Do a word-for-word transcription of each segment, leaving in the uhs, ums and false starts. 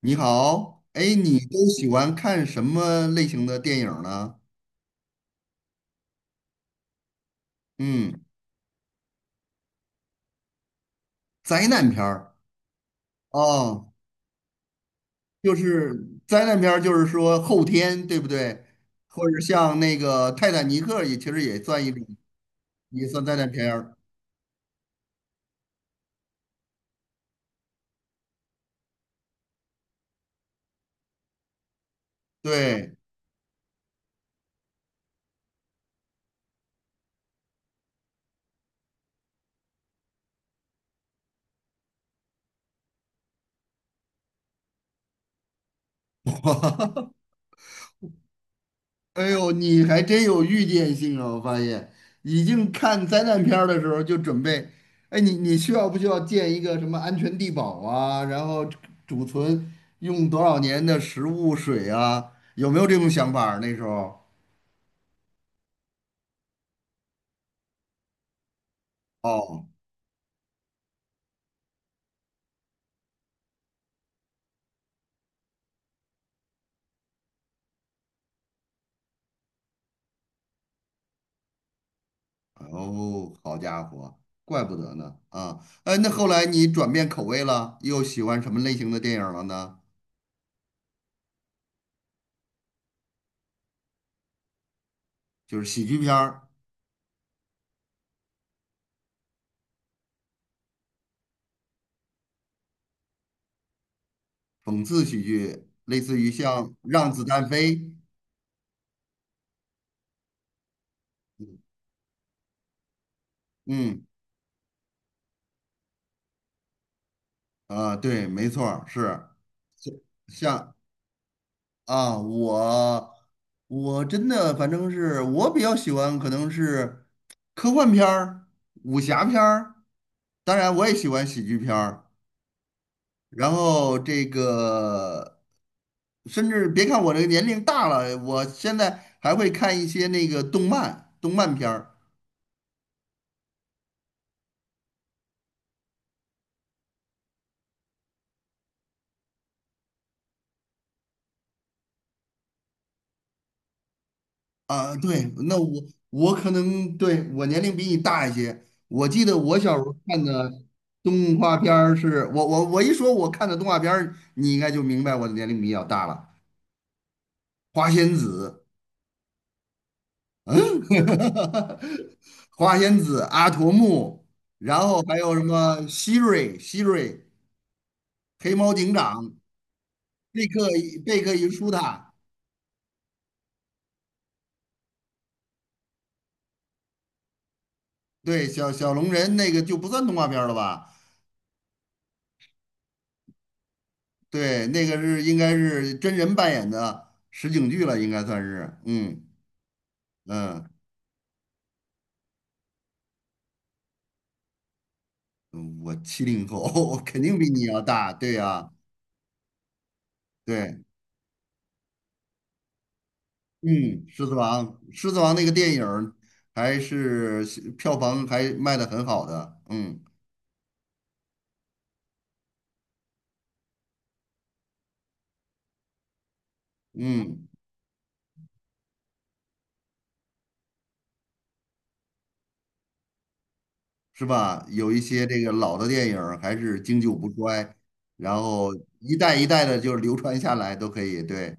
你好，哎，你都喜欢看什么类型的电影儿呢？嗯，灾难片儿。哦，就是灾难片儿，就是说后天，对不对？或者像那个《泰坦尼克》也其实也算一种，也算灾难片儿。对。哎呦，你还真有预见性啊！我发现，已经看灾难片儿的时候就准备，哎，你你需要不需要建一个什么安全地堡啊？然后储存用多少年的食物水啊？有没有这种想法儿那时候。哦哦，好家伙，怪不得呢啊！哎，那后来你转变口味了，又喜欢什么类型的电影了呢？就是喜剧片儿、讽刺喜剧，类似于像《让子弹飞》。嗯。啊，对，没错儿是像啊，我我真的反正是我比较喜欢，可能是科幻片儿、武侠片儿，当然我也喜欢喜剧片儿。然后这个，甚至别看我这个年龄大了，我现在还会看一些那个动漫、动漫片儿。啊，对，那我我可能对我年龄比你大一些。我记得我小时候看的动画片儿是，我我我一说我看的动画片儿，你应该就明白我的年龄比较大了。花仙子，嗯，花仙子、阿童木，然后还有什么希瑞、希瑞、黑猫警长、贝克贝克与舒塔。对，小小龙人那个就不算动画片儿了吧？对，那个是应该是真人扮演的实景剧了，应该算是。嗯嗯，嗯我七零后，我肯定比你要大。对呀、对。嗯，《狮子王》《狮子王》那个电影儿还是票房还卖的很好的。嗯嗯，是吧？有一些这个老的电影儿还是经久不衰，然后一代一代的就流传下来都可以。对，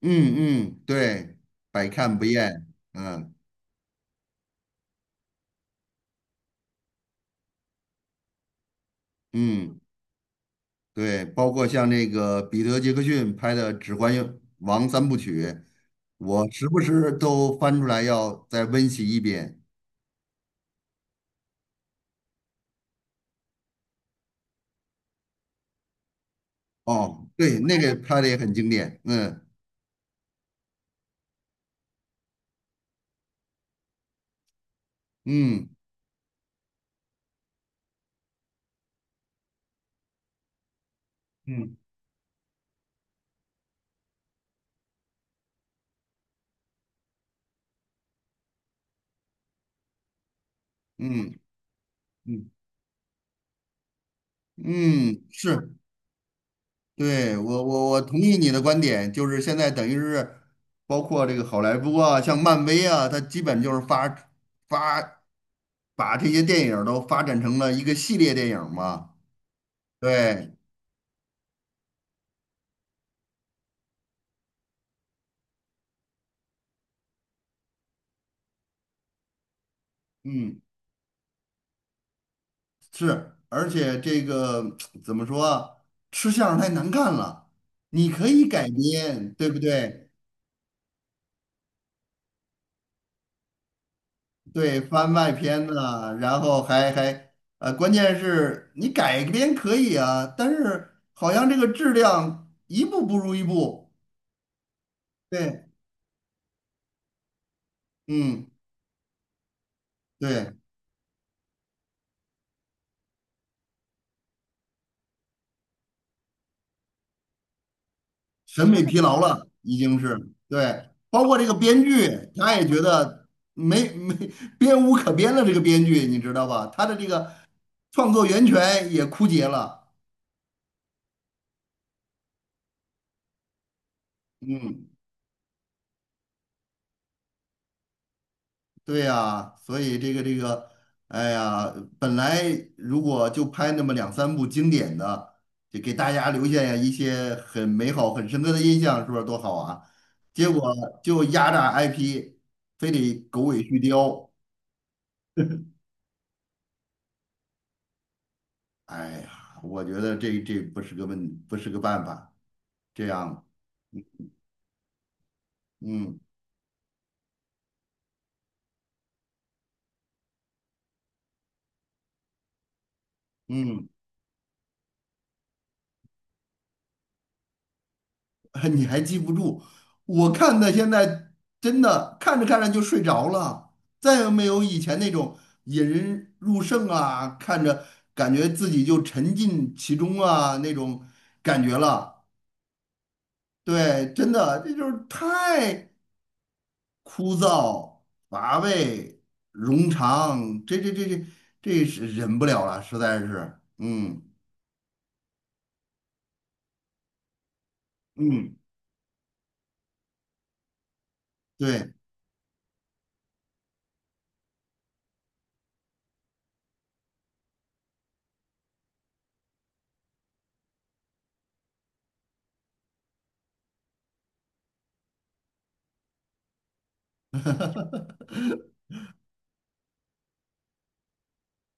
嗯嗯，对，百看不厌。嗯嗯。对，包括像那个彼得·杰克逊拍的《指环王》三部曲，我时不时都翻出来要再温习一遍。哦，对，那个拍的也很经典。嗯嗯嗯嗯嗯嗯，是，对，我我我同意你的观点，就是现在等于是包括这个好莱坞啊，像漫威啊，它基本就是发发把这些电影儿都发展成了一个系列电影儿嘛。对，嗯。是，而且这个 怎么说啊，吃相太难看了，你可以改编，对不对？对，翻外篇呐、然后还还呃，关键是你改编可以啊，但是好像这个质量一步不如一步。对，嗯，对。审美疲劳了，已经是对，包括这个编剧，他也觉得没没编无可编了，这个编剧你知道吧？他的这个创作源泉也枯竭了，嗯，对呀，所以这个这个，哎呀，本来如果就拍那么两三部经典的，就给大家留下一些很美好、很深刻的印象，是不是多好啊？结果就压榨 I P，非得狗尾续貂。哎呀，我觉得这这不是个问，不是个办法。这样，嗯嗯，你还记不住？我看的现在真的看着看着就睡着了，再也没有以前那种引人入胜啊，看着感觉自己就沉浸其中啊那种感觉了。对，真的，这就是太枯燥、乏味、冗长，这这这这这是忍不了了，实在是，嗯。嗯，对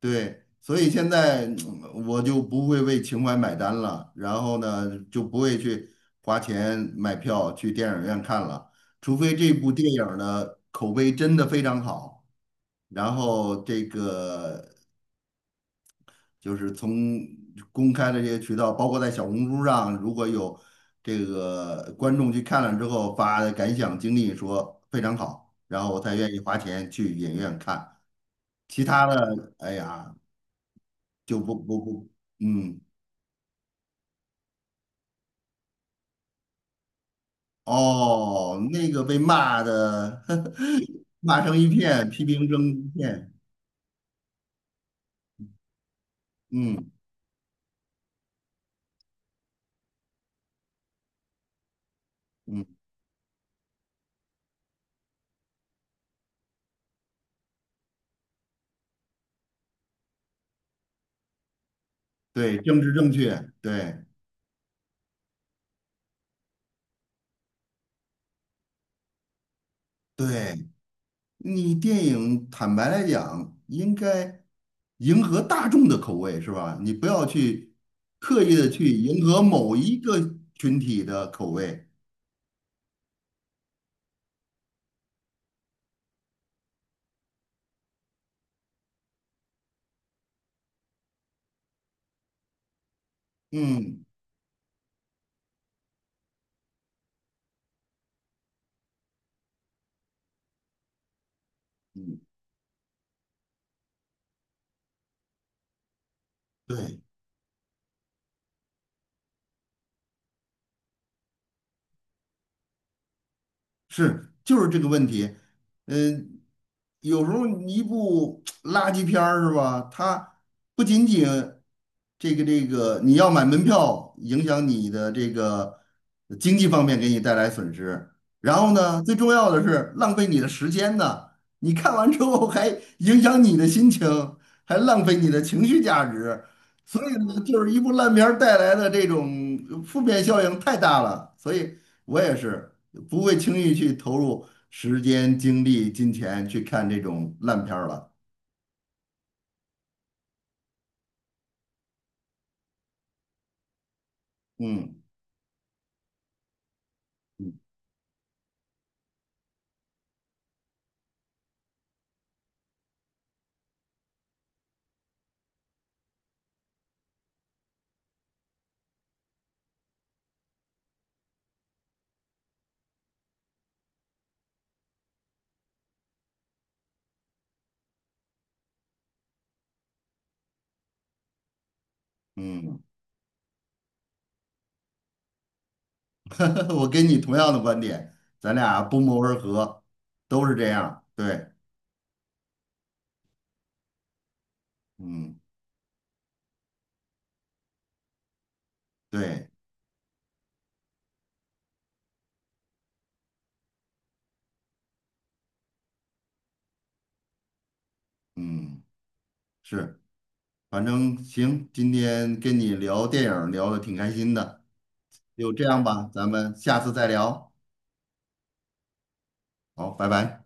对，所以现在嗯我就不会为情怀买单了，然后呢，就不会去花钱买票去电影院看了，除非这部电影儿呢口碑真的非常好，然后这个就是从公开的这些渠道，包括在小红书上，如果有这个观众去看了之后发的感想经历说非常好，然后我才愿意花钱去影院看，其他的，哎呀。就不不不，嗯，哦，那个被骂的。骂成一片，批评成一片，嗯嗯，对，政治正确，对对，你电影坦白来讲，应该迎合大众的口味是吧？你不要去刻意的去迎合某一个群体的口味，嗯嗯，对。是，就是这个问题。嗯，有时候一部 垃圾片儿是吧？它不仅仅这个这个，你要买门票，影响你的这个经济方面给你带来损失。然后呢，最重要的是浪费你的时间呢。你看完之后还影响你的心情，还浪费你的情绪价值。所以呢，就是一部烂片儿带来的这种负面效应太大了。所以我也是不会轻易去投入时间、精力、金钱去看这种烂片儿了。嗯嗯，我跟你同样的观点，咱俩不谋而合，都是这样。对，嗯，对，嗯，是，反正行，今天跟你聊电影儿聊的挺开心的，就这样吧，咱们下次再聊。好，拜拜。